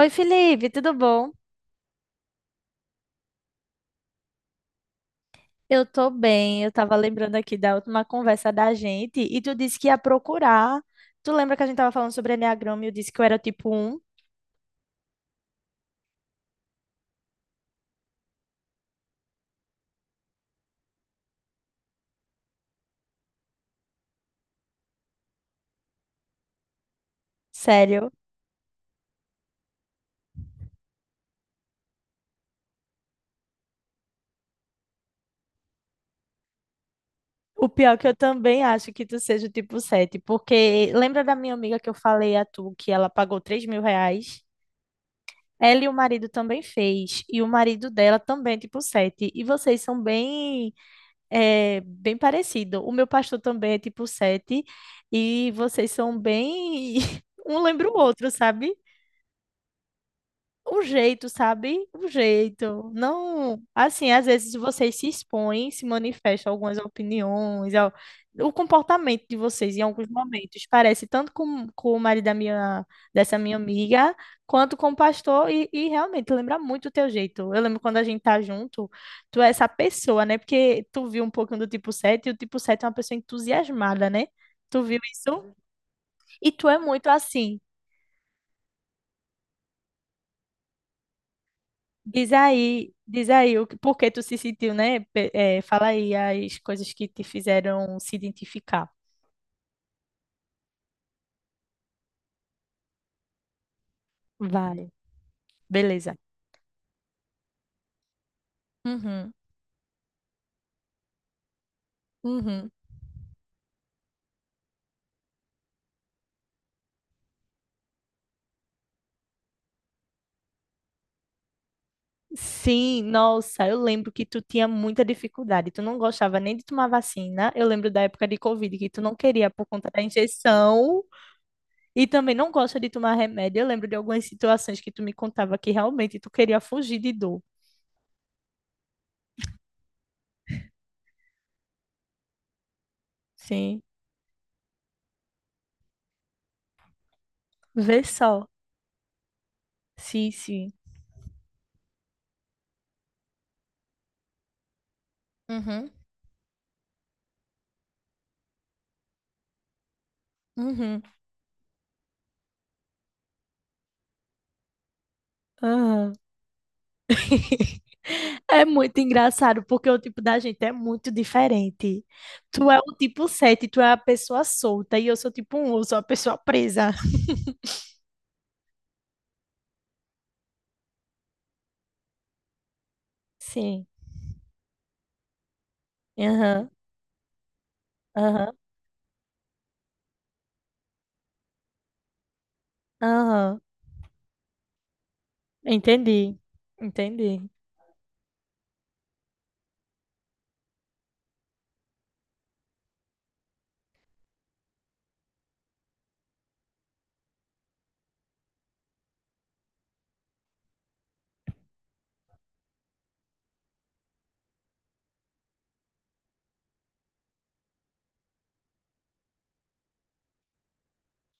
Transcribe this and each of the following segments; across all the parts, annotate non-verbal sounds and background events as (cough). Oi, Felipe, tudo bom? Eu tô bem. Eu tava lembrando aqui da última conversa da gente e tu disse que ia procurar. Tu lembra que a gente tava falando sobre enneagrama e eu disse que eu era o tipo um. Sério? O pior é que eu também acho que tu seja o tipo 7, porque lembra da minha amiga que eu falei a tu que ela pagou R$ 3.000? Ela e o marido também fez, e o marido dela também é tipo 7. E vocês são bem É bem parecido. O meu pastor também é tipo sete, e vocês são bem. (laughs) Um lembra o outro, sabe? O jeito, sabe? O jeito. Não, assim, às vezes vocês se expõem, se manifestam algumas opiniões, o comportamento de vocês em alguns momentos parece tanto com o marido da minha, dessa minha amiga, quanto com o pastor, e realmente lembra muito o teu jeito. Eu lembro quando a gente tá junto, tu é essa pessoa, né? Porque tu viu um pouquinho do tipo 7 e o tipo 7 é uma pessoa entusiasmada, né? Tu viu isso? E tu é muito assim. Diz aí o que, por que tu se sentiu, né? Fala aí as coisas que te fizeram se identificar. Vai, beleza. Uhum, uhum. Sim, nossa, eu lembro que tu tinha muita dificuldade. Tu não gostava nem de tomar vacina. Eu lembro da época de Covid que tu não queria por conta da injeção e também não gosta de tomar remédio. Eu lembro de algumas situações que tu me contava que realmente tu queria fugir de dor. Sim, vê só. Sim, sim. Uhum, uhum. Aham. (laughs) É muito engraçado, porque o tipo da gente é muito diferente. Tu é o tipo 7, tu é a pessoa solta, e eu sou tipo um. Eu sou a pessoa presa. Sim. Aham, aham, aham. Entendi. Entendi.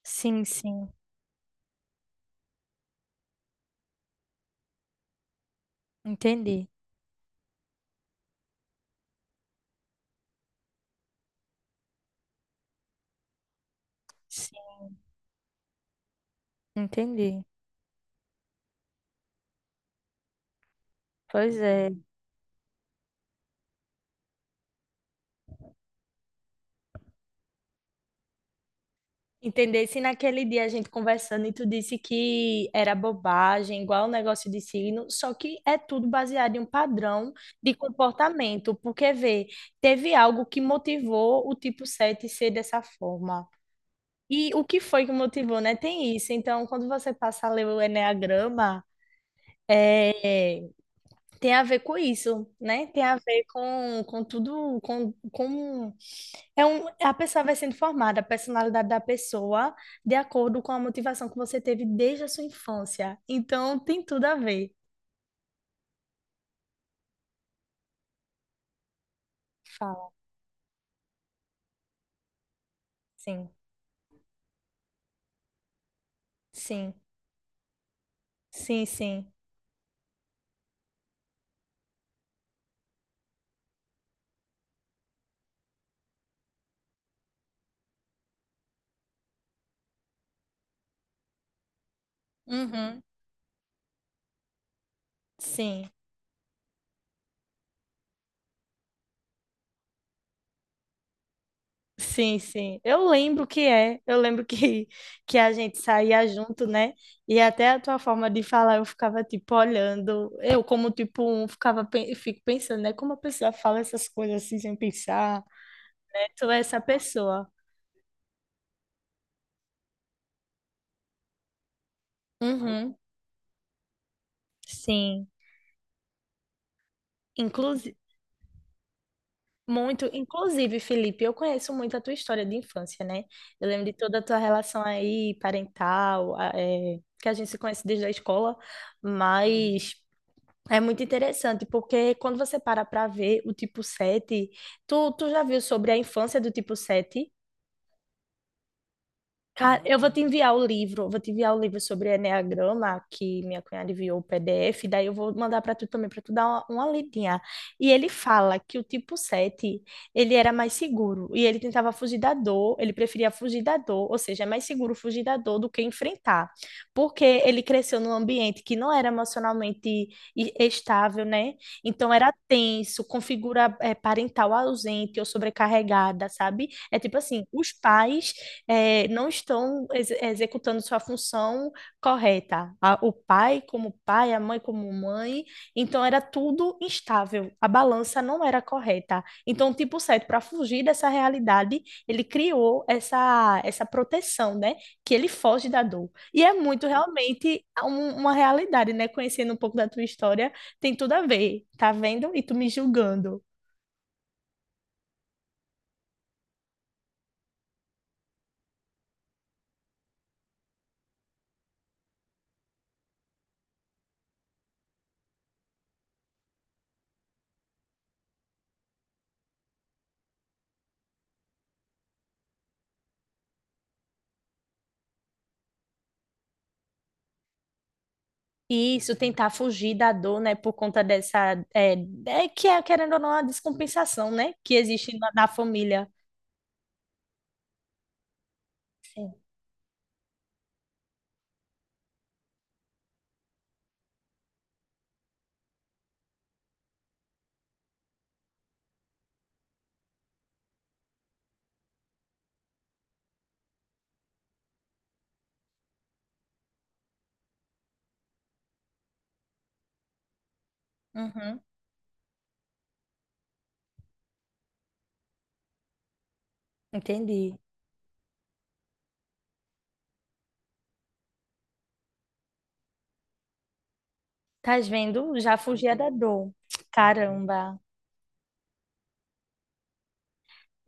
Sim, sim. Entendi. Sim, entendi. Pois é. Entendesse naquele dia a gente conversando e tu disse que era bobagem, igual o negócio de signo, só que é tudo baseado em um padrão de comportamento, porque vê, teve algo que motivou o tipo 7 ser dessa forma. E o que foi que motivou, né? Tem isso. Então, quando você passa a ler o enneagrama é, tem a ver com isso, né? Tem a ver com tudo. A pessoa vai sendo formada, a personalidade da pessoa, de acordo com a motivação que você teve desde a sua infância. Então, tem tudo a ver. Fala. Sim, sim, sim, sim. Uhum. Sim. Sim, sim. Eu lembro que é. Eu lembro que, (laughs) que a gente saía junto, né? E até a tua forma de falar, eu ficava tipo olhando. Eu, como tipo um, ficava fico pensando, né? Como a pessoa fala essas coisas assim sem pensar, né? Tu é essa pessoa. Uhum. Sim. Inclusive, muito, inclusive, Felipe, eu conheço muito a tua história de infância, né? Eu lembro de toda a tua relação aí, parental, que a gente se conhece desde a escola, mas é muito interessante, porque quando você para para ver o tipo 7, tu já viu sobre a infância do tipo 7? Cara, eu vou te enviar o livro, vou te enviar o livro sobre Eneagrama, que minha cunhada enviou o PDF, daí eu vou mandar para tu também, para tu dar uma lidinha. E ele fala que o tipo 7 ele era mais seguro, e ele tentava fugir da dor, ele preferia fugir da dor, ou seja, é mais seguro fugir da dor do que enfrentar, porque ele cresceu num ambiente que não era emocionalmente estável, né? Então era tenso, configura parental ausente ou sobrecarregada, sabe? É tipo assim, os pais não estão executando sua função correta. O pai como pai, a mãe como mãe. Então era tudo instável. A balança não era correta. Então o tipo 7, para fugir dessa realidade, ele criou essa proteção, né? Que ele foge da dor. E é muito realmente uma realidade, né? Conhecendo um pouco da tua história, tem tudo a ver. Tá vendo? E tu me julgando. Isso, tentar fugir da dor, né, por conta dessa, é, que é, querendo ou não, a descompensação, né, que existe na família. Sim. Uhum, entendi. Estás vendo? Já fugia da dor. Caramba.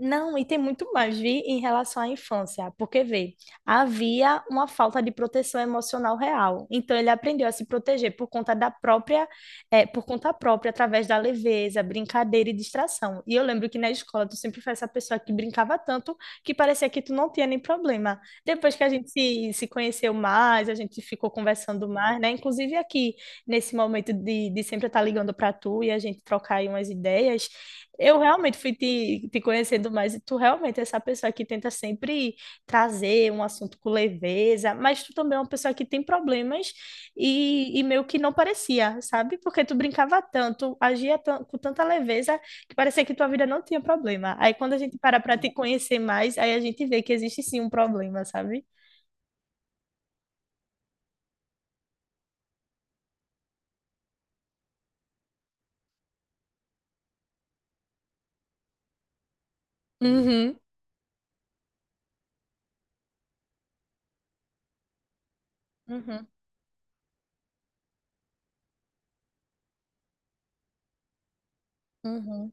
Não, e tem muito mais, vi, em relação à infância, porque vê, havia uma falta de proteção emocional real. Então ele aprendeu a se proteger por conta própria, através da leveza, brincadeira e distração. E eu lembro que na escola tu sempre foi essa pessoa que brincava tanto que parecia que tu não tinha nem problema. Depois que a gente se conheceu mais, a gente ficou conversando mais, né? Inclusive aqui, nesse momento de sempre estar ligando para tu e a gente trocar aí umas ideias. Eu realmente fui te conhecendo mais e tu realmente é essa pessoa que tenta sempre trazer um assunto com leveza, mas tu também é uma pessoa que tem problemas e meio que não parecia, sabe? Porque tu brincava tanto, com tanta leveza que parecia que tua vida não tinha problema. Aí quando a gente para para te conhecer mais, aí a gente vê que existe sim um problema, sabe? Uhum. Uhum, uhum,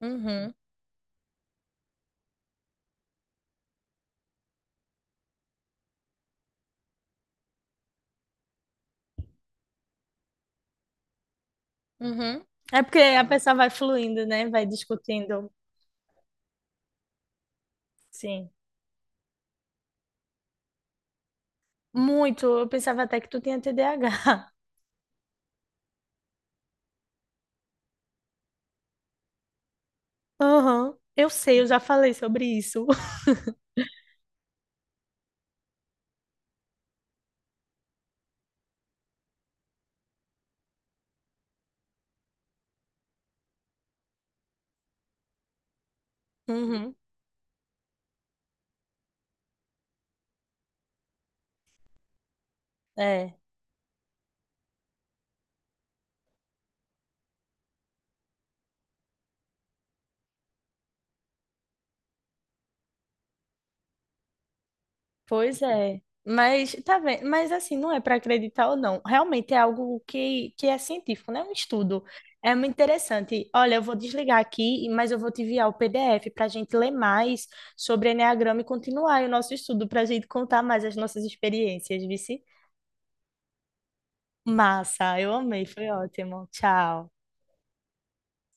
uhum, uhum. É porque a pessoa vai fluindo, né? Vai discutindo. Sim. Muito. Eu pensava até que tu tinha TDAH. (laughs) Aham. Eu sei, eu já falei sobre isso. (laughs) Uhum. É. Pois é. Mas tá vendo? Mas assim, não é para acreditar ou não. Realmente é algo que é científico, né? É um estudo. É muito interessante. Olha, eu vou desligar aqui, mas eu vou te enviar o PDF para a gente ler mais sobre Eneagrama e continuar aí o nosso estudo para a gente contar mais as nossas experiências, vice? Massa, eu amei, foi ótimo. Tchau.